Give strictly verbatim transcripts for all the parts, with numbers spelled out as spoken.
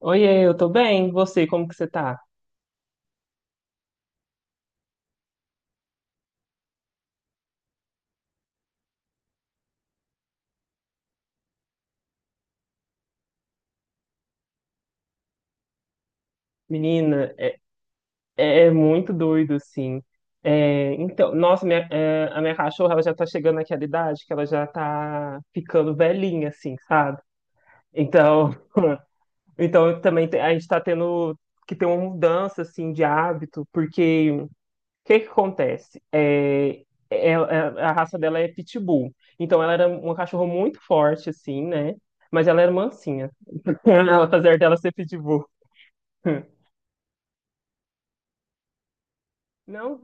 Oiê, eu tô bem. E você, como que você tá? Menina, é, é é muito doido, assim. É, então, nossa, minha- é, a minha cachorra, ela já tá chegando naquela idade que ela já tá ficando velhinha, assim, sabe? Então, então eu também te- a gente tá tendo que ter uma mudança, assim, de hábito, porque o que que acontece? É, ela- é- a raça dela é Pitbull. Então, ela era uma cachorra muito forte, assim, né? Mas ela era mansinha. Ela, apesar dela ser Pitbull. Não,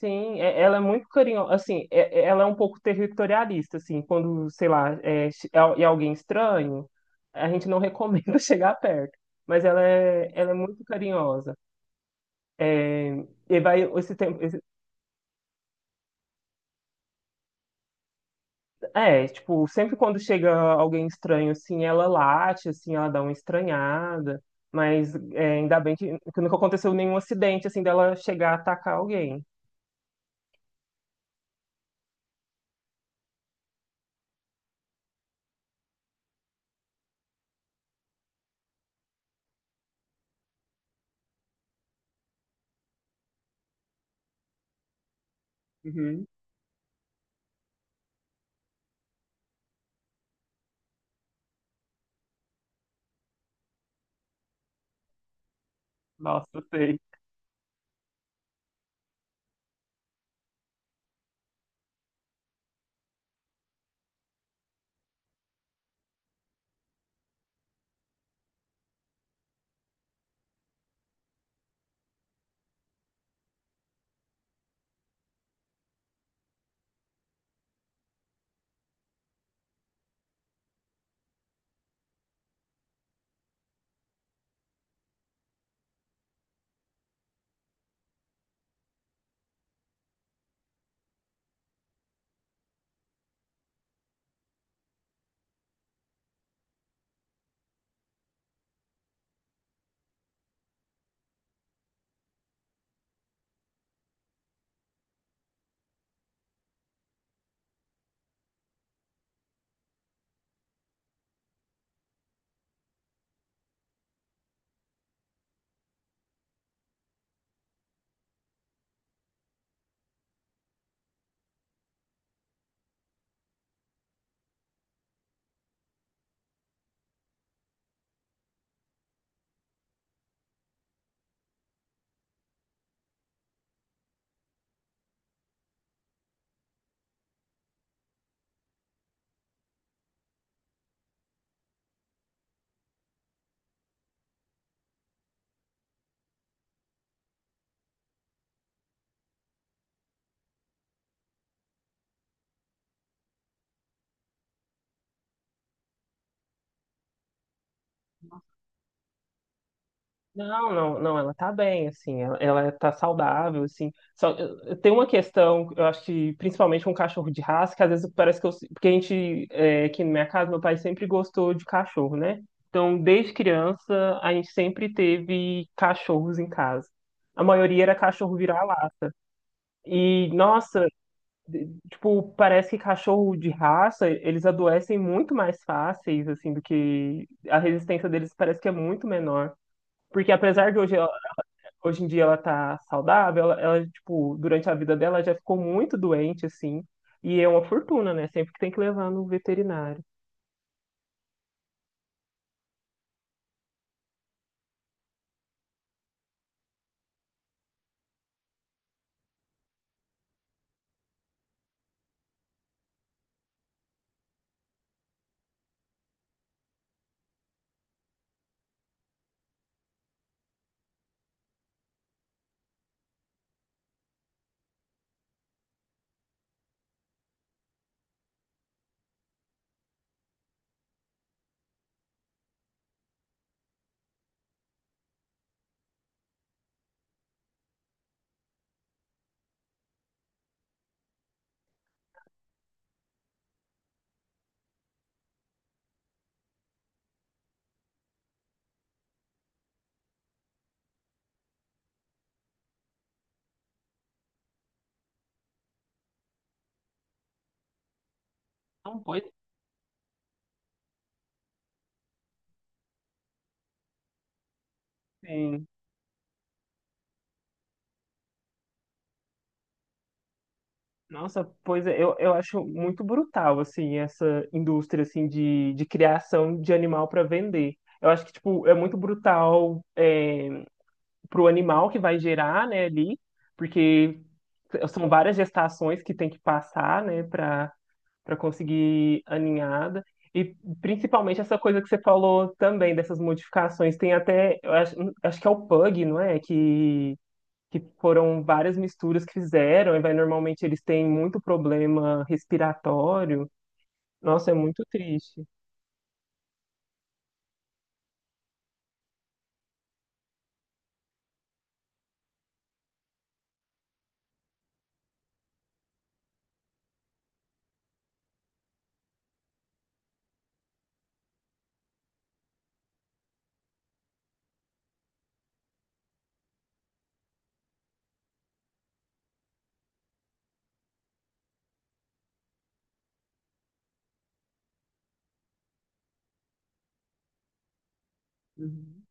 sim, é- ela é muito carinhosa, assim, é- é- ela é um pouco territorialista, assim, quando, sei lá, é, che- é al- é alguém estranho, a gente não recomenda chegar perto, mas ela é, ela é muito carinhosa. É, e vai esse tempo, esse- é, tipo, sempre quando chega alguém estranho, assim, ela late, assim, ela dá uma estranhada, mas é, ainda bem que, que nunca aconteceu nenhum acidente, assim, dela chegar a atacar alguém. Uhum. Nossa, eu sei. Não, não, não, ela tá bem, assim, ela, ela tá saudável, assim. Só, eu- eu- tem uma questão, eu acho que principalmente com cachorro de raça, que às vezes parece que eu. Porque a gente, é, aqui na minha casa, meu pai sempre gostou de cachorro, né? Então, desde criança, a gente sempre teve cachorros em casa. A maioria era cachorro vira-lata. E, nossa, de- tipo, parece que cachorro de raça, eles adoecem muito mais fáceis, assim, do que a resistência deles parece que é muito menor. Porque apesar de hoje, ela- hoje em dia ela tá saudável, ela, ela, tipo, durante a vida dela já ficou muito doente, assim. E é uma fortuna, né? Sempre que tem que levar no veterinário. Não, pois sim. Nossa, pois é, eu, eu acho muito brutal, assim, essa indústria, assim, de, de criação de animal para vender. Eu acho que, tipo, é muito brutal, é, para o animal que vai gerar, né, ali, porque são várias gestações que tem que passar, né, para para conseguir a ninhada. E principalmente essa coisa que você falou também dessas modificações, tem até, eu acho, acho que é o Pug, não é? Que que foram várias misturas que fizeram, e vai normalmente eles têm muito problema respiratório. Nossa, é muito triste. Uhum,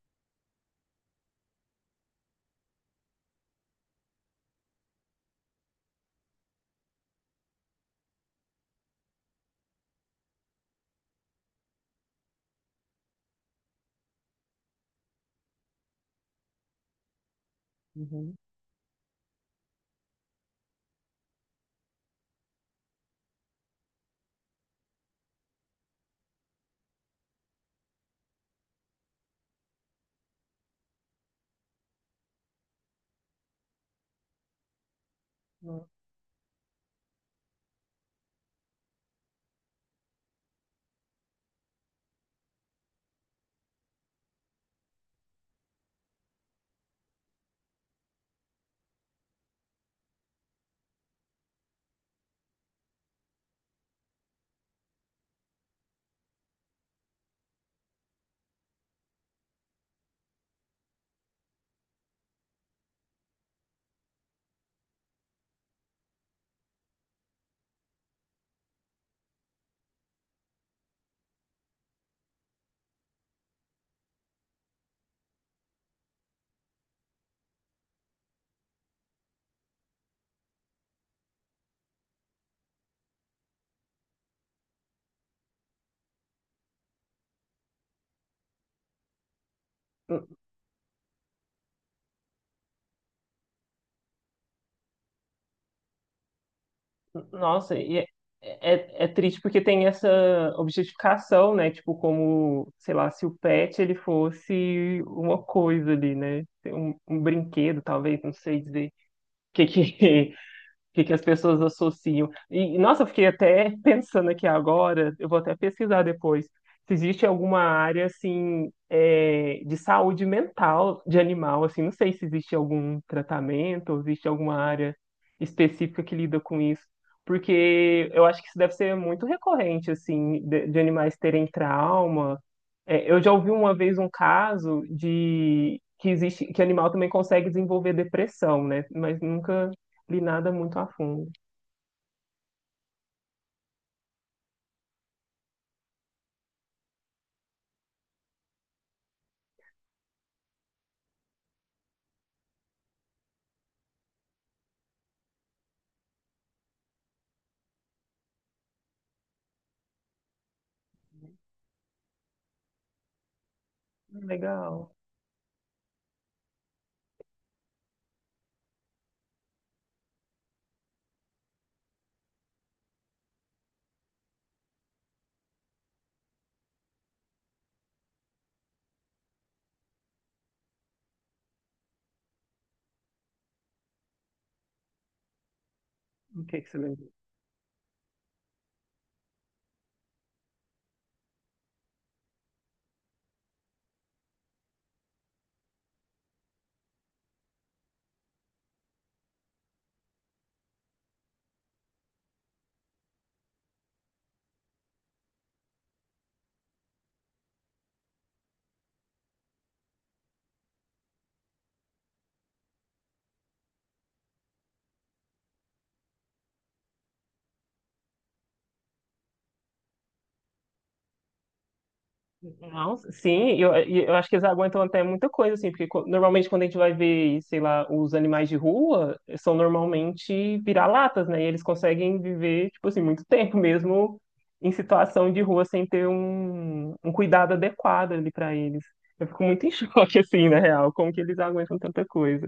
uhum. Nossa, e é, é, é triste porque tem essa objetificação, né? Tipo, como, sei lá, se o pet ele fosse uma coisa ali, né? Um, um brinquedo, talvez, não sei dizer o que que o que que as pessoas associam. E, nossa, eu fiquei até pensando aqui agora, eu vou até pesquisar depois, se existe alguma área, assim, é, de saúde mental de animal, assim, não sei se existe algum tratamento, ou existe alguma área específica que lida com isso, porque eu acho que isso deve ser muito recorrente, assim, de, de animais terem trauma. É, eu já ouvi uma vez um caso de... que existe, que animal também consegue desenvolver depressão, né? Mas nunca li nada muito a fundo. Legal. O que que você lembra? Nossa, sim, eu, eu acho que eles aguentam até muita coisa, assim, porque co- normalmente quando a gente vai ver, sei lá, os animais de rua, são normalmente vira-latas, né? E eles conseguem viver, tipo assim, muito tempo mesmo em situação de rua sem ter um, um cuidado adequado ali pra eles. Eu fico muito em choque, assim, na real, como que eles aguentam tanta coisa.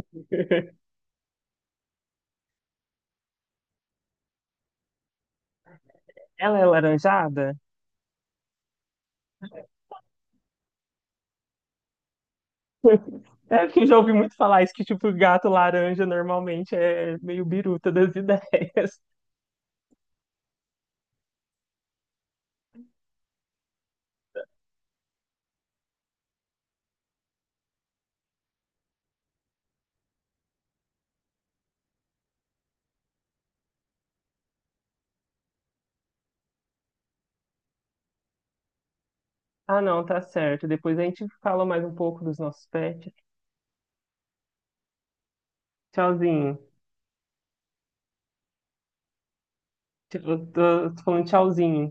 Ela é laranjada? É porque eu já ouvi muito falar isso, que tipo, gato laranja normalmente é meio biruta das ideias. Ah, não, tá certo. Depois a gente fala mais um pouco dos nossos pets. Tchauzinho. Tipo, eu tô, tô falando tchauzinho.